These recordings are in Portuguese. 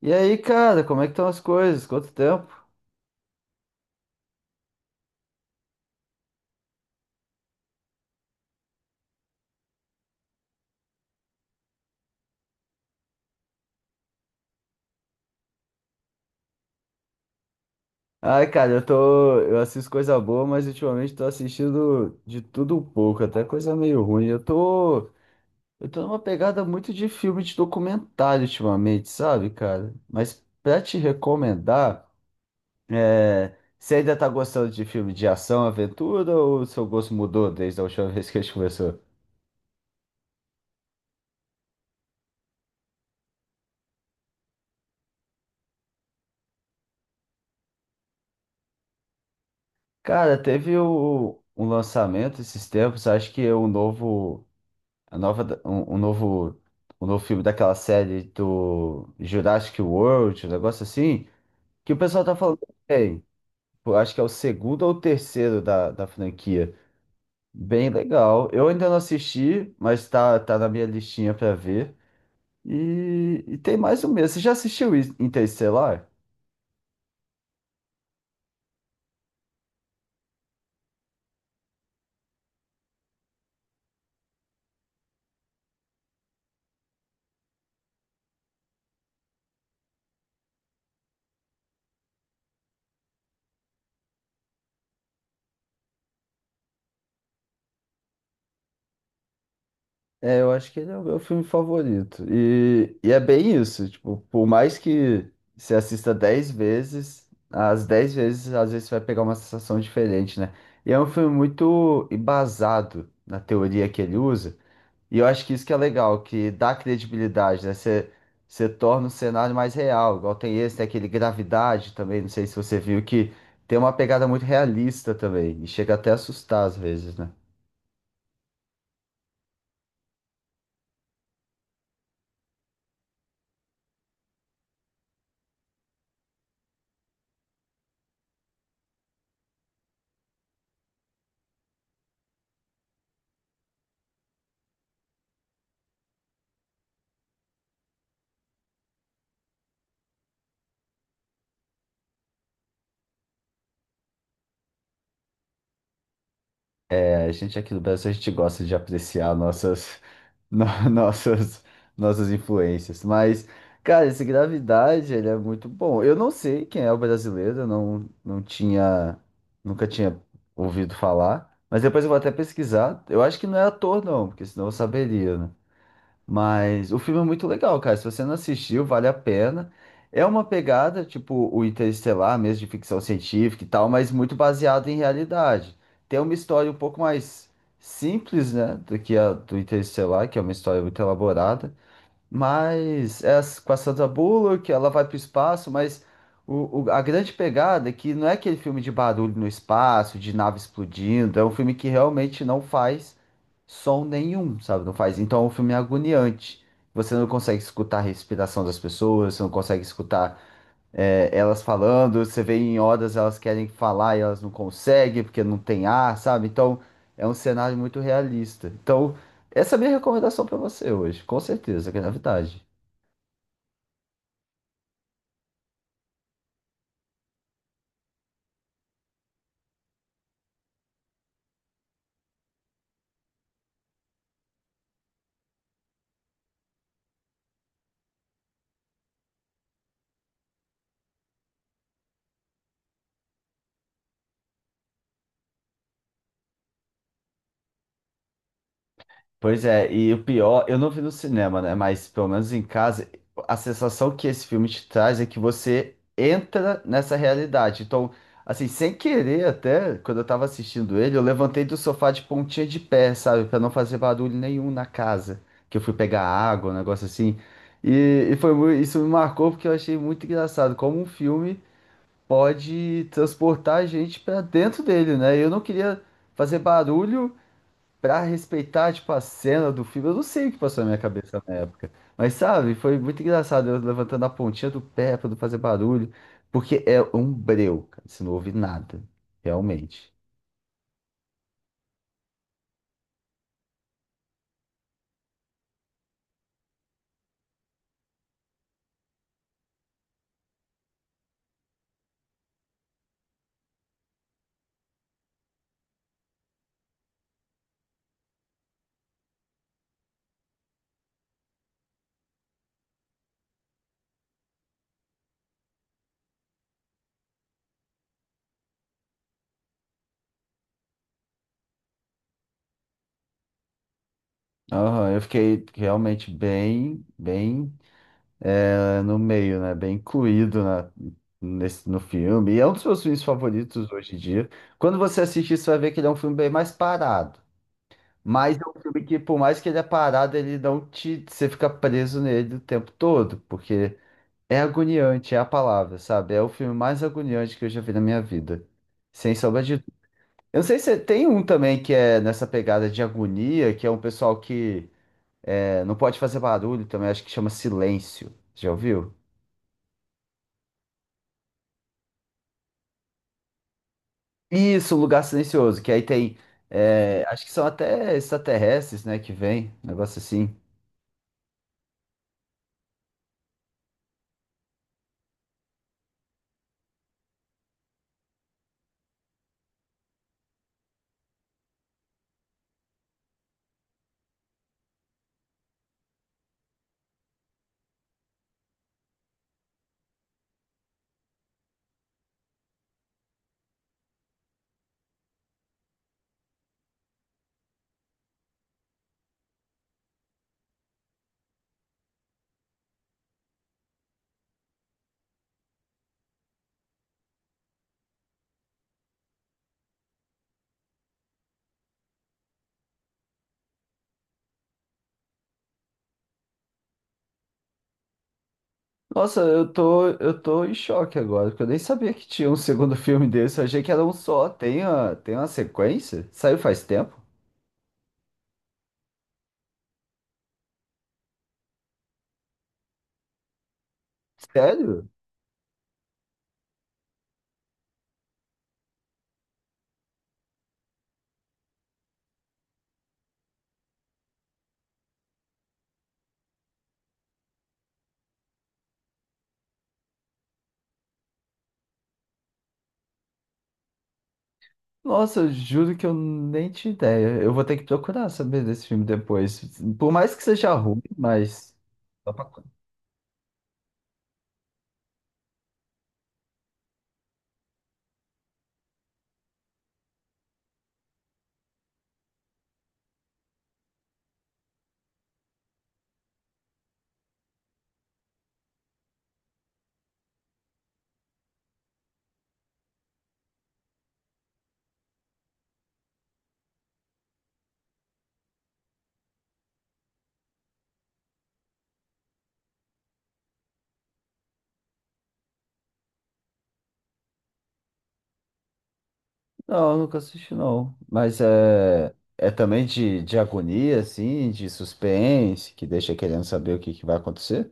E aí, cara, como é que estão as coisas? Quanto tempo? Ai, cara, eu assisto coisa boa, mas ultimamente tô assistindo de tudo um pouco, até coisa meio ruim. Eu tô numa pegada muito de filme de documentário ultimamente, sabe, cara? Mas pra te recomendar, você ainda tá gostando de filme de ação, aventura ou seu gosto mudou desde a última vez que a gente conversou? Cara, teve um lançamento esses tempos, acho que é um novo A nova, da- um, um novo filme daquela série do Jurassic World, um negócio assim, que o pessoal tá falando bem. Pô, acho que é o segundo ou o terceiro da franquia. Bem legal. Eu ainda não assisti, mas tá na minha listinha pra ver. E tem mais um mês. Você já assistiu Interestelar? É, eu acho que ele é o meu filme favorito. E é bem isso, tipo, por mais que você assista 10 vezes, as 10 vezes, às vezes, você vai pegar uma sensação diferente, né? E é um filme muito embasado na teoria que ele usa. E eu acho que isso que é legal, que dá credibilidade, né? Você torna o cenário mais real. Igual tem esse, tem aquele Gravidade também, não sei se você viu, que tem uma pegada muito realista também. E chega até a assustar às vezes, né? É, a gente aqui do Brasil, a gente gosta de apreciar nossas, no- nossas influências. Mas, cara, esse Gravidade, ele é muito bom. Eu não sei quem é o brasileiro, eu não, não tinha, nunca tinha ouvido falar. Mas depois eu vou até pesquisar. Eu acho que não é ator, não, porque senão eu saberia, né? Mas o filme é muito legal, cara. Se você não assistiu, vale a pena. É uma pegada, tipo o Interestelar, mesmo de ficção científica e tal, mas muito baseado em realidade. Tem uma história um pouco mais simples, né, do que a do Interestelar, que é uma história muito elaborada, mas é com a Sandra Bullock, ela vai para o espaço, mas a grande pegada é que não é aquele filme de barulho no espaço, de nave explodindo, é um filme que realmente não faz som nenhum, sabe? Não faz. Então é um filme agoniante. Você não consegue escutar a respiração das pessoas, você não consegue escutar elas falando, você vê em Odas elas querem falar e elas não conseguem porque não tem ar, sabe? Então é um cenário muito realista. Então, essa é a minha recomendação pra você hoje, com certeza, Gravidade. Pois é, e o pior, eu não vi no cinema, né? Mas pelo menos em casa, a sensação que esse filme te traz é que você entra nessa realidade. Então, assim, sem querer até, quando eu tava assistindo ele, eu levantei do sofá de pontinha de pé, sabe? Pra não fazer barulho nenhum na casa. Que eu fui pegar água, um negócio assim. E foi, isso me marcou porque eu achei muito engraçado como um filme pode transportar a gente pra dentro dele, né? Eu não queria fazer barulho. Pra respeitar, tipo, a cena do filme, eu não sei o que passou na minha cabeça na época. Mas, sabe, foi muito engraçado eu levantando a pontinha do pé pra não fazer barulho. Porque é um breu, cara. Você não ouve nada. Realmente. Aham, eu fiquei realmente bem no meio, né? Bem incluído no filme. E é um dos meus filmes favoritos hoje em dia. Quando você assistir, você vai ver que ele é um filme bem mais parado. Mas é um filme que, por mais que ele é parado, ele não te. Você fica preso nele o tempo todo, porque é agoniante, é a palavra, sabe? É o filme mais agoniante que eu já vi na minha vida. Sem sombra de. Eu não sei se tem um também que é nessa pegada de agonia, que é um pessoal que não pode fazer barulho também, acho que chama Silêncio. Já ouviu? Isso, um lugar silencioso, que aí tem. Acho que são até extraterrestres, né, que vem, um negócio assim. Nossa, eu tô em choque agora, porque eu nem sabia que tinha um segundo filme desse. Eu achei que era um só. Tem uma sequência? Saiu faz tempo? Sério? Nossa, eu juro que eu nem tinha ideia. Eu vou ter que procurar saber desse filme depois. Por mais que seja ruim, mas. Só pra- Não, eu nunca assisti, não. Mas é. É também de agonia, assim, de suspense, que deixa querendo saber o que, que vai acontecer?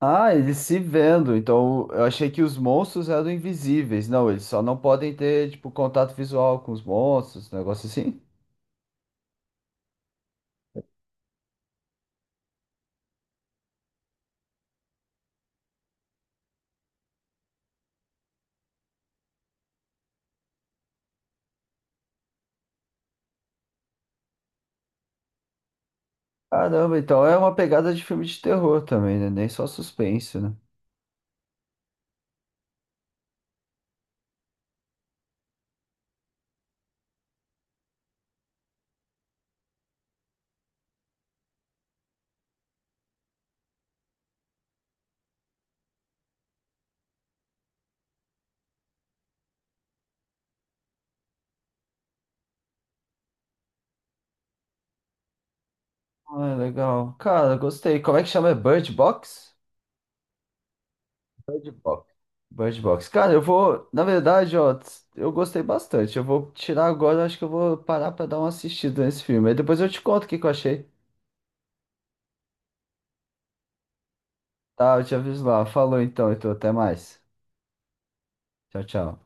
Ah, eles se vendo. Então, eu achei que os monstros eram invisíveis. Não, eles só não podem ter, tipo, contato visual com os monstros, um negócio assim. Caramba, então é uma pegada de filme de terror também, né? Nem só suspense, né? Ah, legal. Cara, gostei. Como é que chama? É Bird Box? Bird Box. Bird Box. Cara, eu vou. Na verdade, ó, eu gostei bastante. Eu vou tirar agora, acho que eu vou parar pra dar uma assistida nesse filme. Aí depois eu te conto o que que eu achei. Tá, eu te aviso lá. Falou então, até mais. Tchau, tchau.